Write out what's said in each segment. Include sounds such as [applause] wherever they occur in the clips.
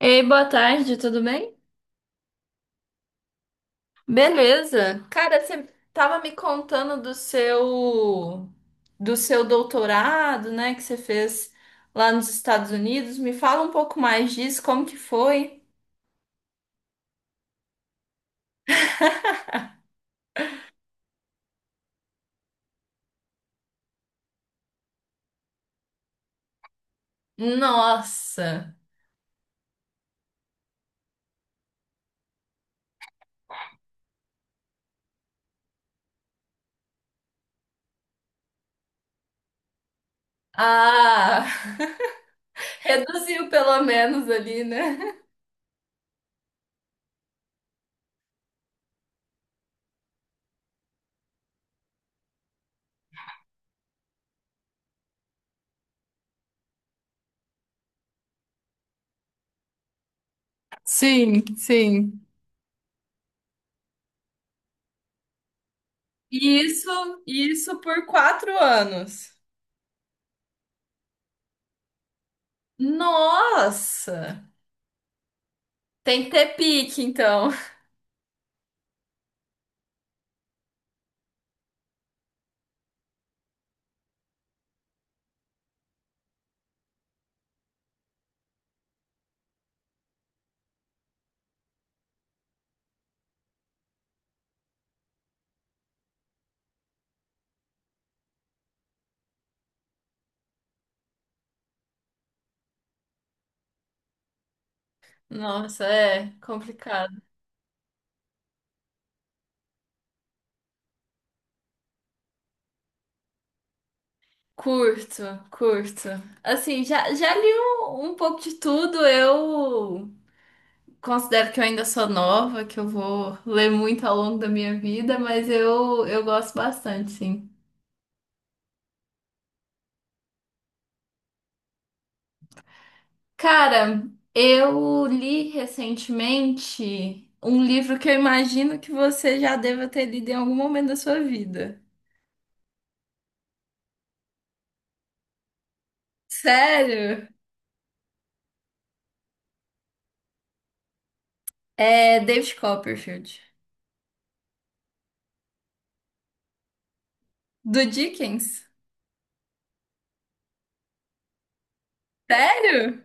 Ei, boa tarde, tudo bem? Beleza. Cara, você tava me contando do seu doutorado, né, que você fez lá nos Estados Unidos. Me fala um pouco mais disso, como que foi? Nossa. Ah, [laughs] reduziu pelo menos ali, né? Sim, sim. E isso por 4 anos. Nossa. Tem que ter pique, então. [laughs] Nossa, é complicado. Curto, curto. Assim, já li um pouco de tudo. Eu considero que eu ainda sou nova, que eu vou ler muito ao longo da minha vida, mas eu gosto bastante, sim. Cara, eu li recentemente um livro que eu imagino que você já deva ter lido em algum momento da sua vida. Sério? É David Copperfield, do Dickens. Sério?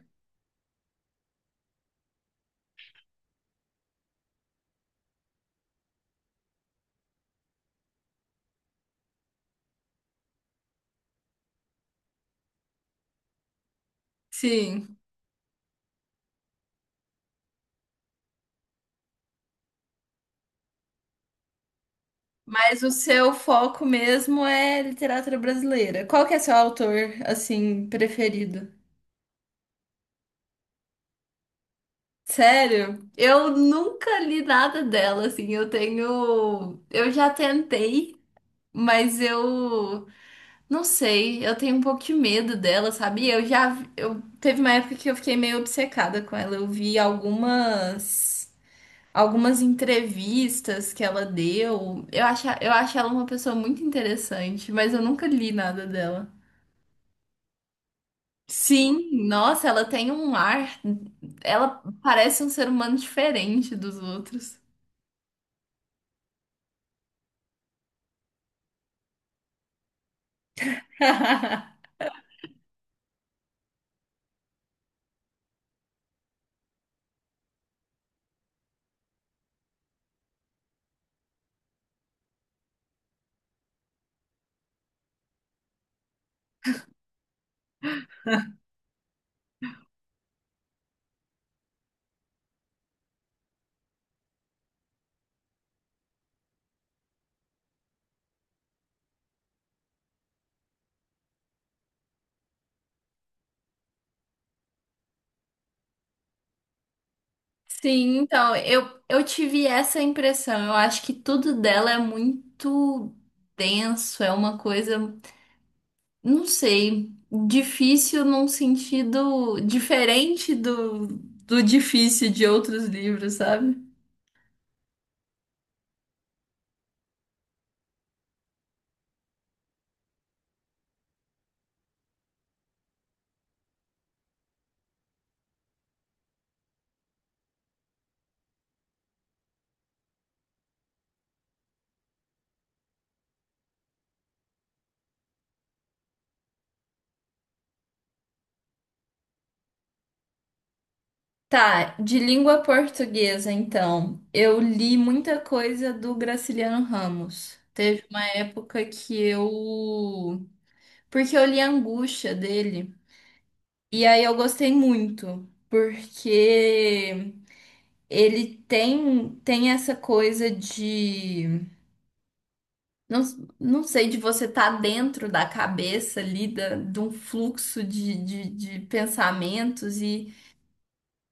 Sim. Mas o seu foco mesmo é literatura brasileira. Qual que é seu autor, assim, preferido? Sério? Eu nunca li nada dela, assim. Eu tenho. Eu já tentei, mas eu não sei. Eu tenho um pouco de medo dela, sabe? Eu já. Eu... Teve uma época que eu fiquei meio obcecada com ela. Eu vi algumas. Algumas entrevistas que ela deu. Eu acho ela uma pessoa muito interessante, mas eu nunca li nada dela. Sim, nossa, ela tem um ar. Ela parece um ser humano diferente dos outros. [laughs] Sim, então, eu tive essa impressão. Eu acho que tudo dela é muito denso, é uma coisa, não sei, difícil num sentido diferente do difícil de outros livros, sabe? Tá, de língua portuguesa, então. Eu li muita coisa do Graciliano Ramos. Teve uma época que eu. Porque eu li a Angústia dele. E aí eu gostei muito. Porque ele tem essa coisa de. Não, não sei, de você estar dentro da cabeça ali, da, de um fluxo de pensamentos. E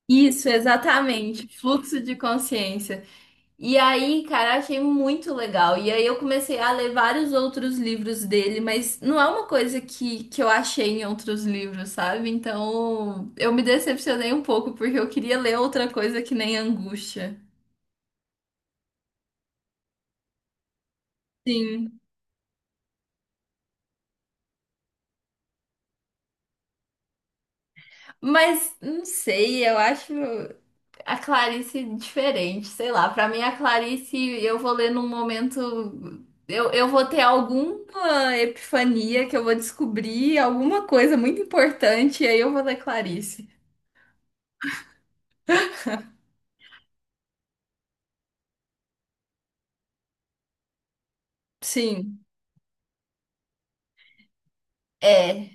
isso, exatamente, fluxo de consciência. E aí, cara, achei muito legal. E aí eu comecei a ler vários outros livros dele, mas não é uma coisa que eu achei em outros livros, sabe? Então eu me decepcionei um pouco, porque eu queria ler outra coisa que nem Angústia. Sim. Mas não sei, eu acho a Clarice diferente, sei lá. Pra mim, a Clarice eu vou ler num momento. Eu vou ter alguma epifania que eu vou descobrir, alguma coisa muito importante, e aí eu vou ler Clarice. Sim. É.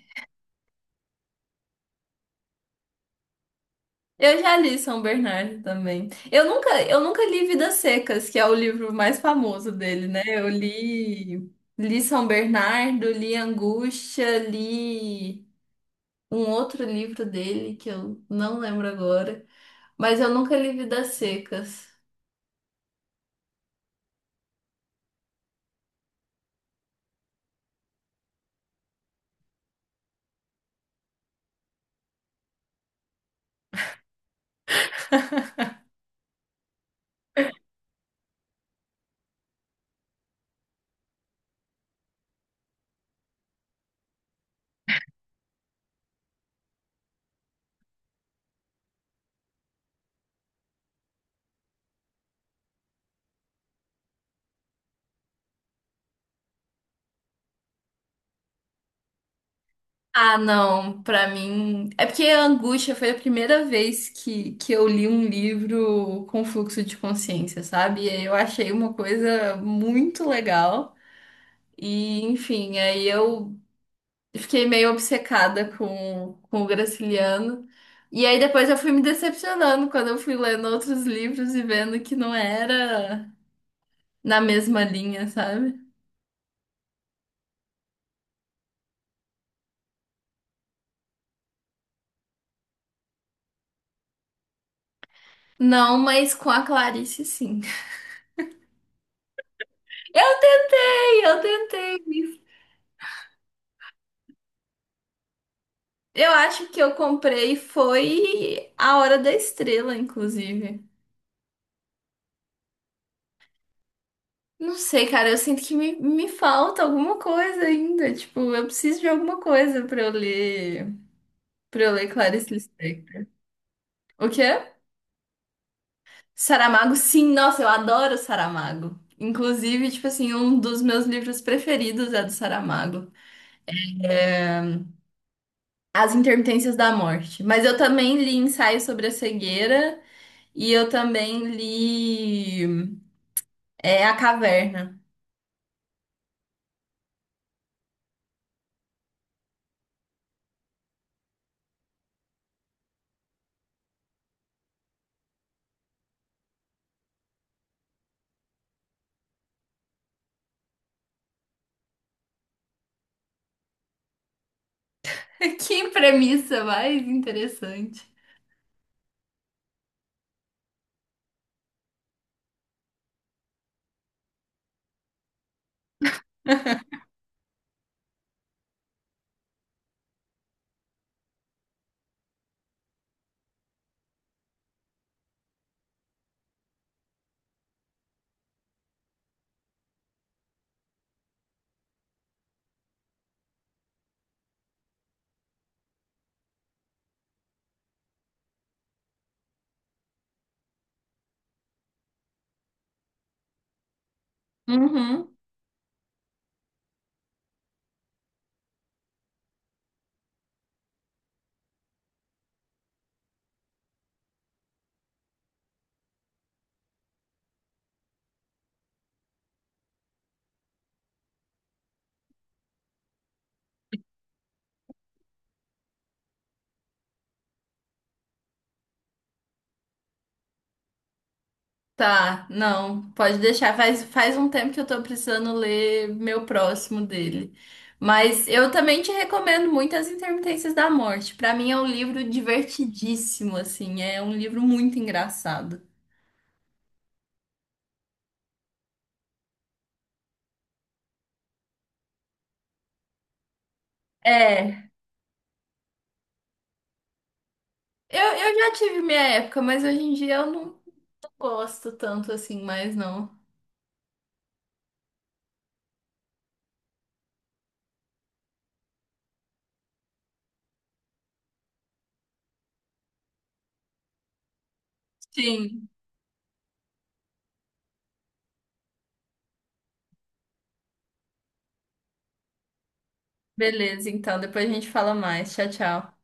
Eu já li São Bernardo também. Eu nunca li Vidas Secas, que é o livro mais famoso dele, né? Eu li, li São Bernardo, li Angústia, li um outro livro dele que eu não lembro agora, mas eu nunca li Vidas Secas. Ah, não, pra mim. É porque a Angústia foi a primeira vez que eu li um livro com fluxo de consciência, sabe? E aí eu achei uma coisa muito legal. E, enfim, aí eu fiquei meio obcecada com o Graciliano. E aí depois eu fui me decepcionando quando eu fui lendo outros livros e vendo que não era na mesma linha, sabe? Não, mas com a Clarice, sim. [laughs] Eu eu tentei. Eu acho que eu comprei foi A Hora da Estrela, inclusive. Não sei, cara, eu sinto que me falta alguma coisa ainda. Tipo, eu preciso de alguma coisa pra eu ler, para eu ler Clarice Lispector. O quê? Saramago, sim, nossa, eu adoro Saramago. Inclusive, tipo assim, um dos meus livros preferidos é do Saramago, As Intermitências da Morte. Mas eu também li Ensaio sobre a Cegueira e eu também li é, A Caverna. [laughs] Que premissa mais interessante. Uhum. Tá, não, pode deixar. Faz, faz um tempo que eu tô precisando ler meu próximo dele. Mas eu também te recomendo muito As Intermitências da Morte. Pra mim é um livro divertidíssimo, assim, é um livro muito engraçado. É, eu já tive minha época, mas hoje em dia eu não, gosto tanto assim mais, não. Sim, beleza, então depois a gente fala mais. Tchau, tchau.